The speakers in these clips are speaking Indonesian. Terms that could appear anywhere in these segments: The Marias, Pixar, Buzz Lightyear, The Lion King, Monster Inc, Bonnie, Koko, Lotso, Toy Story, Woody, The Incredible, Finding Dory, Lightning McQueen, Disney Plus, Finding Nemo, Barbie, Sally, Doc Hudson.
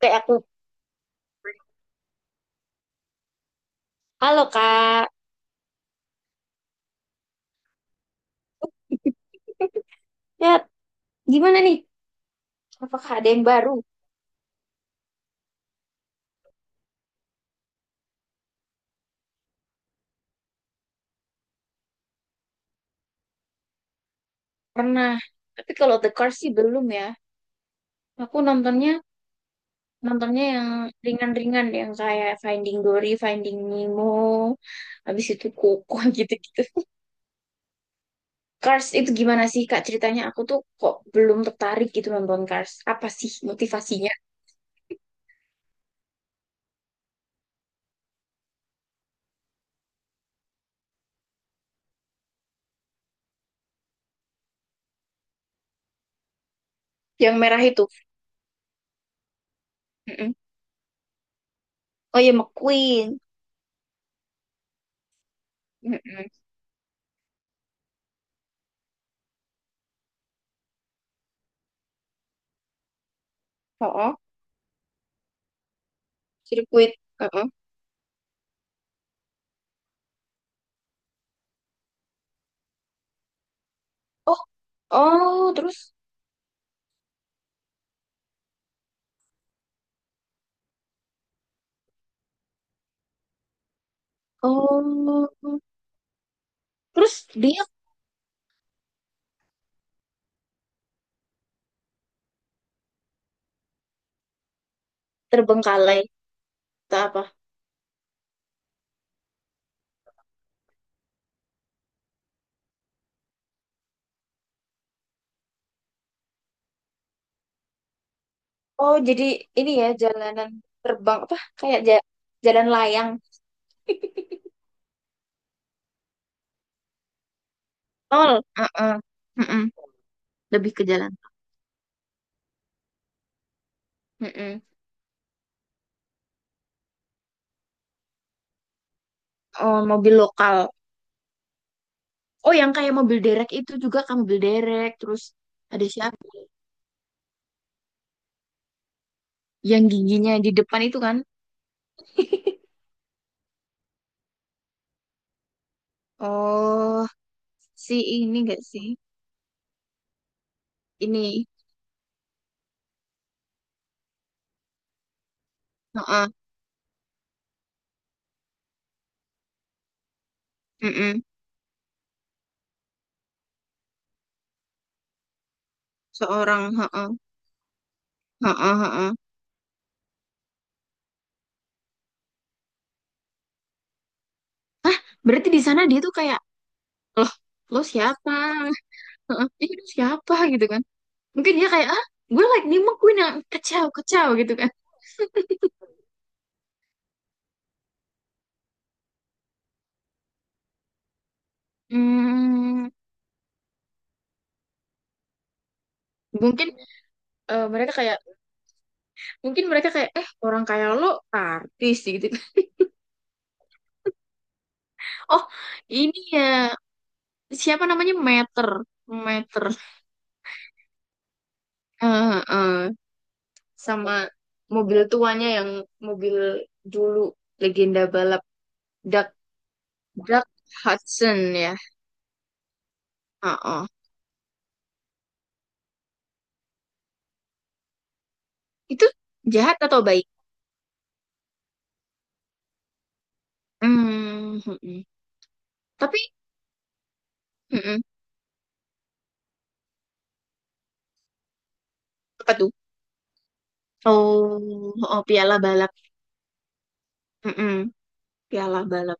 Kayak aku, halo kak. ya, gimana nih? Apakah ada yang baru? Pernah. Tapi kalau The Cars sih belum ya. Aku nontonnya nontonnya yang ringan-ringan yang kayak Finding Dory, Finding Nemo, habis itu Koko gitu-gitu. Cars itu gimana sih Kak ceritanya? Aku tuh kok belum tertarik gitu nonton Cars. Apa sih motivasinya? Yang merah itu. Mm-mm. Oh ya, McQueen. Mm-mm. Oh, oh. Sirkuit. Oh, oh. Oh, oh, terus? Oh, terus dia terbengkalai atau apa? Oh, jadi ini ya jalanan terbang apa kayak jalan layang. Tol, heeh. Heeh. Lebih ke jalan. Mm-mm. Oh, mobil lokal. Oh, yang kayak mobil derek itu juga kan mobil derek. Terus ada siapa? Yang giginya di depan itu kan? Oh, si ini gak sih? Ini, heeh, heeh. Seorang, heeh, heeh, heeh. Berarti di sana dia tuh kayak, loh, lo siapa? Heeh, "Ih, ini siapa gitu kan, mungkin dia kayak ah, gue Lightning McQueen yang kacau kacau gitu kan." Hmm, mungkin eh, mereka kayak mungkin mereka kayak eh, orang kayak lo artis sih, gitu. Oh, ini ya, siapa namanya? Meter, Meter. Eh, eh, sama mobil tuanya yang mobil dulu legenda balap, Doug Doug Hudson ya. Oh, oh. Itu jahat atau baik? Hmm, mm-mm. Tapi mm-mm. Apa tuh? Oh, oh, piala balap. Mm-mm, piala balap.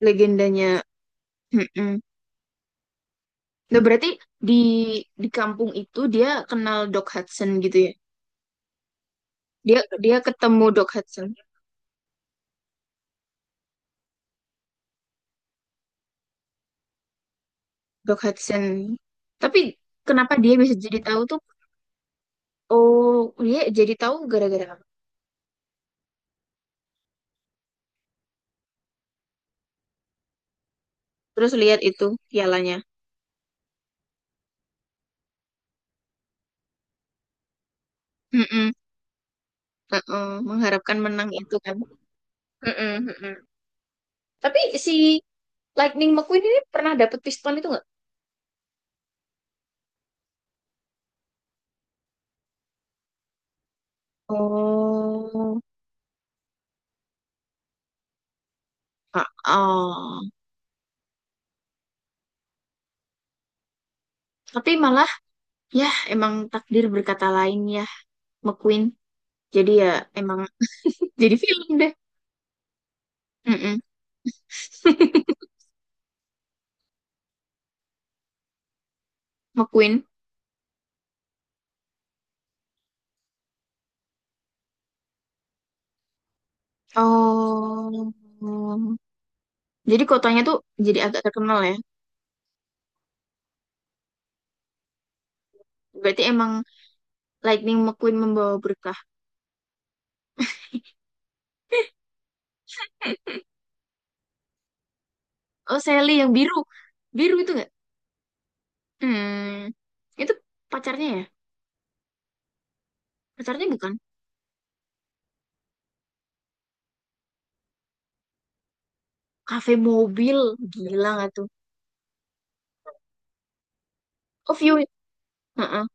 Legendanya. Mm-mm. Nah, berarti di di kampung itu dia kenal Doc Hudson gitu ya. Dia dia ketemu Doc Hudson. Doc Hudson. Tapi kenapa dia bisa jadi tahu tuh? Oh, dia jadi tahu gara-gara apa? Terus lihat itu pialanya. Mm-mm, uh-uh. Mengharapkan menang itu kan. Mm-mm, mm-mm. Tapi si Lightning McQueen ini pernah dapat piston itu nggak? Oh, ah, ah. Tapi malah ya emang takdir berkata lain ya, McQueen. Jadi ya emang jadi film deh. Mm-mm, McQueen. Oh. Jadi kotanya tuh jadi agak terkenal ya. Berarti emang Lightning McQueen membawa berkah. Oh, Sally yang biru. Biru itu nggak. Hmm. Itu pacarnya ya? Pacarnya bukan. Kafe mobil. Gila nggak tuh? Oh, view. Heeh.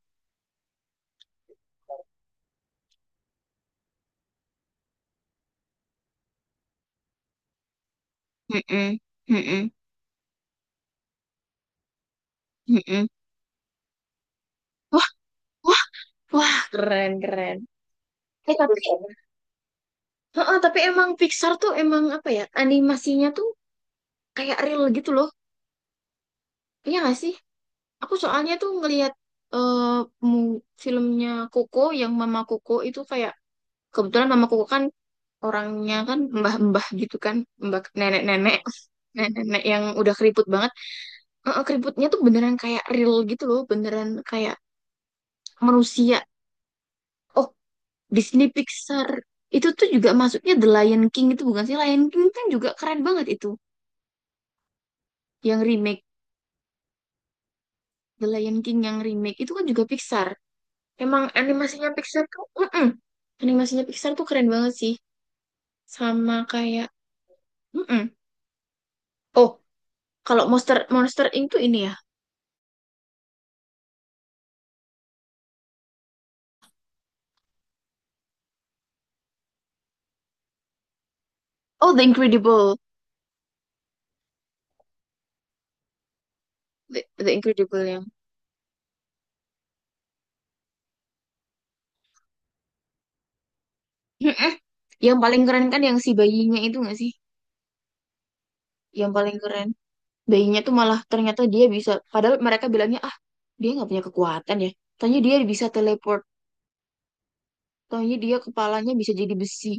Heeh. Heeh. Heeh. Wah, wah, wah, keren, keren. Eh, tapi heeh, tapi emang Pixar tuh emang apa ya, animasinya tuh kayak real gitu loh, iya gak sih? Aku soalnya tuh ngelihat eh, filmnya Koko yang Mama Koko itu kayak, kebetulan Mama Koko kan orangnya kan mbah-mbah gitu kan, mbah nenek-nenek, nenek-nenek yang udah keriput banget. Heeh, keriputnya tuh beneran kayak real gitu loh, beneran kayak manusia. Oh, Disney Pixar itu tuh juga masuknya The Lion King itu bukan sih? Lion King kan juga keren banget itu, yang remake. The Lion King yang remake itu kan juga Pixar. Emang animasinya Pixar tuh, mm-mm. Animasinya Pixar tuh keren banget sih. Sama kayak, mm-mm. Oh, kalau Monster Monster Inc tuh ini ya. Oh, The Incredible. The, The Incredible yang, mm-mm. Yang paling keren kan yang si bayinya itu nggak sih? Yang paling keren. Bayinya tuh malah ternyata dia bisa. Padahal mereka bilangnya ah, dia nggak punya kekuatan ya. Tanya dia bisa teleport. Tanya dia kepalanya bisa jadi besi.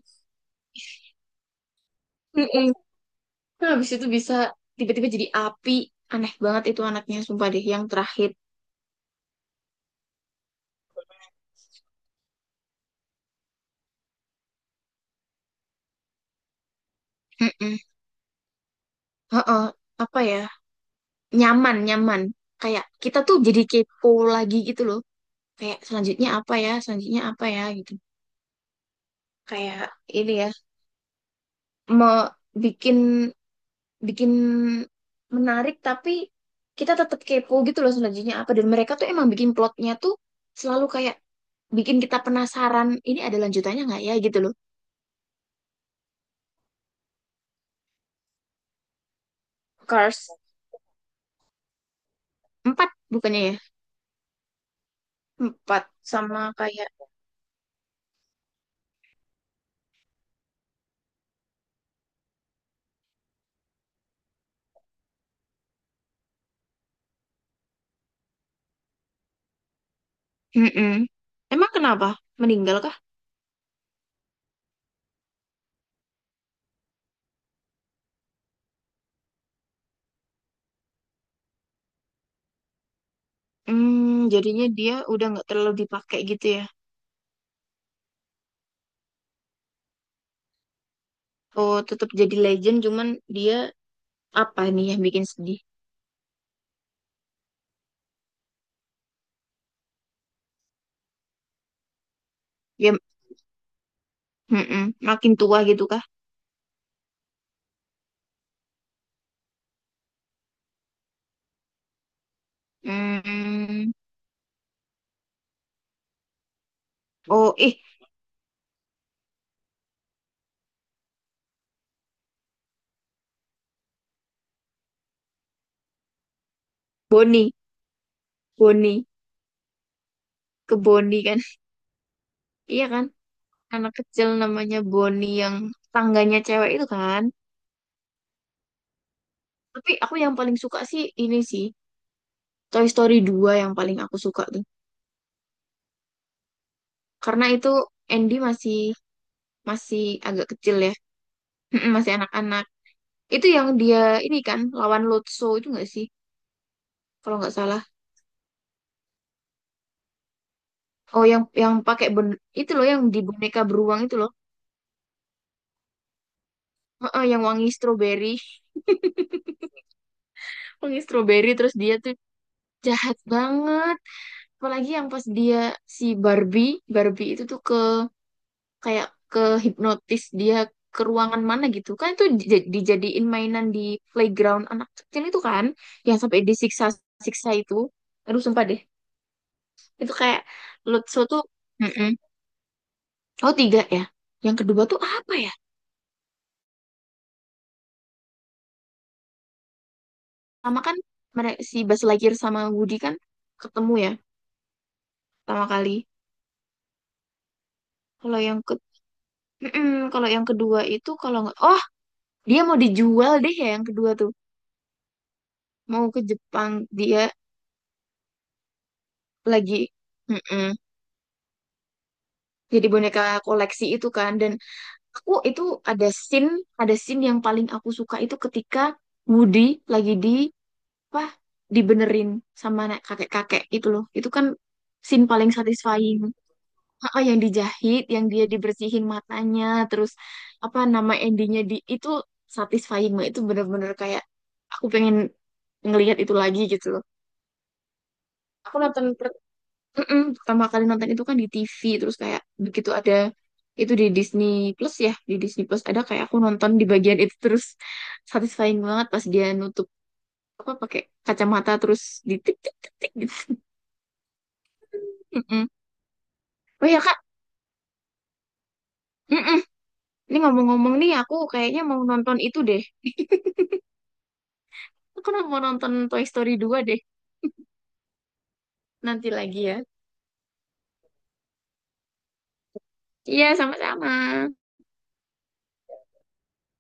Terus habis itu bisa tiba-tiba jadi api. Aneh banget itu anaknya, sumpah deh. Yang terakhir. Mm-mm. Heeh. Apa ya? Nyaman, nyaman. Kayak kita tuh jadi kepo lagi gitu loh. Kayak selanjutnya apa ya? Selanjutnya apa ya? Gitu. Kayak ini ya. Mau bikin bikin menarik tapi kita tetap kepo gitu loh, selanjutnya apa. Dan mereka tuh emang bikin plotnya tuh selalu kayak bikin kita penasaran. Ini ada lanjutannya nggak ya gitu loh. Cars 4 bukannya ya? Empat sama kayak, mm-mm. Emang kenapa? Meninggal kah? Hmm, jadinya dia udah nggak terlalu dipakai gitu ya. Oh, tetap jadi legend, cuman dia apa nih yang bikin sedih? Ya, mm-mm, makin tua gitu kah? Hmm. Oh, ih, Bonnie, Bonnie, ke Bonnie kan? Iya kan? Anak kecil namanya Bonnie yang tangganya cewek itu kan? Tapi aku yang paling suka sih ini sih, Toy Story 2 yang paling aku suka tuh. Karena itu Andy masih masih agak kecil ya, mm-mm, masih anak-anak. Itu yang dia ini kan lawan Lotso itu nggak sih? Kalau nggak salah. Oh, yang pakai itu loh, yang di boneka beruang itu loh. Heeh, yang wangi stroberi. Wangi stroberi terus dia tuh jahat banget. Apalagi yang pas dia si Barbie, Barbie itu tuh ke kayak ke hipnotis dia ke ruangan mana gitu. Kan itu dijadiin mainan di playground anak kecil itu kan, yang sampai disiksa-siksa itu. Aduh, sumpah deh. Itu kayak Lutfi tuh, mm-mm. Oh, tiga ya. Yang kedua tuh apa ya? Pertama kan mereka si Buzz Lightyear sama Woody kan ketemu ya pertama kali. Kalau yang ke mm-mm, kalau yang kedua itu kalau nggak, oh dia mau dijual deh ya, yang kedua tuh mau ke Jepang dia, lagi mm-mm, jadi boneka koleksi itu kan. Dan aku itu ada scene yang paling aku suka itu ketika Woody lagi di apa, dibenerin sama anak kakek-kakek itu loh. Itu kan scene paling satisfying. Ah, yang dijahit, yang dia dibersihin matanya, terus apa nama endingnya di itu, satisfying banget. Itu bener-bener kayak aku pengen ngelihat itu lagi gitu loh. Aku nonton mm-mm, pertama kali nonton itu kan di TV, terus kayak begitu ada itu di Disney Plus ya, di Disney Plus ada kayak aku nonton di bagian itu terus satisfying banget pas dia nutup apa pakai kacamata terus ditik tik tik tik gitu. Oh ya Kak, mm-mm. Ini ngomong-ngomong nih aku kayaknya mau nonton itu deh. Aku mau nonton Toy Story 2 deh nanti lagi ya. Iya, sama-sama.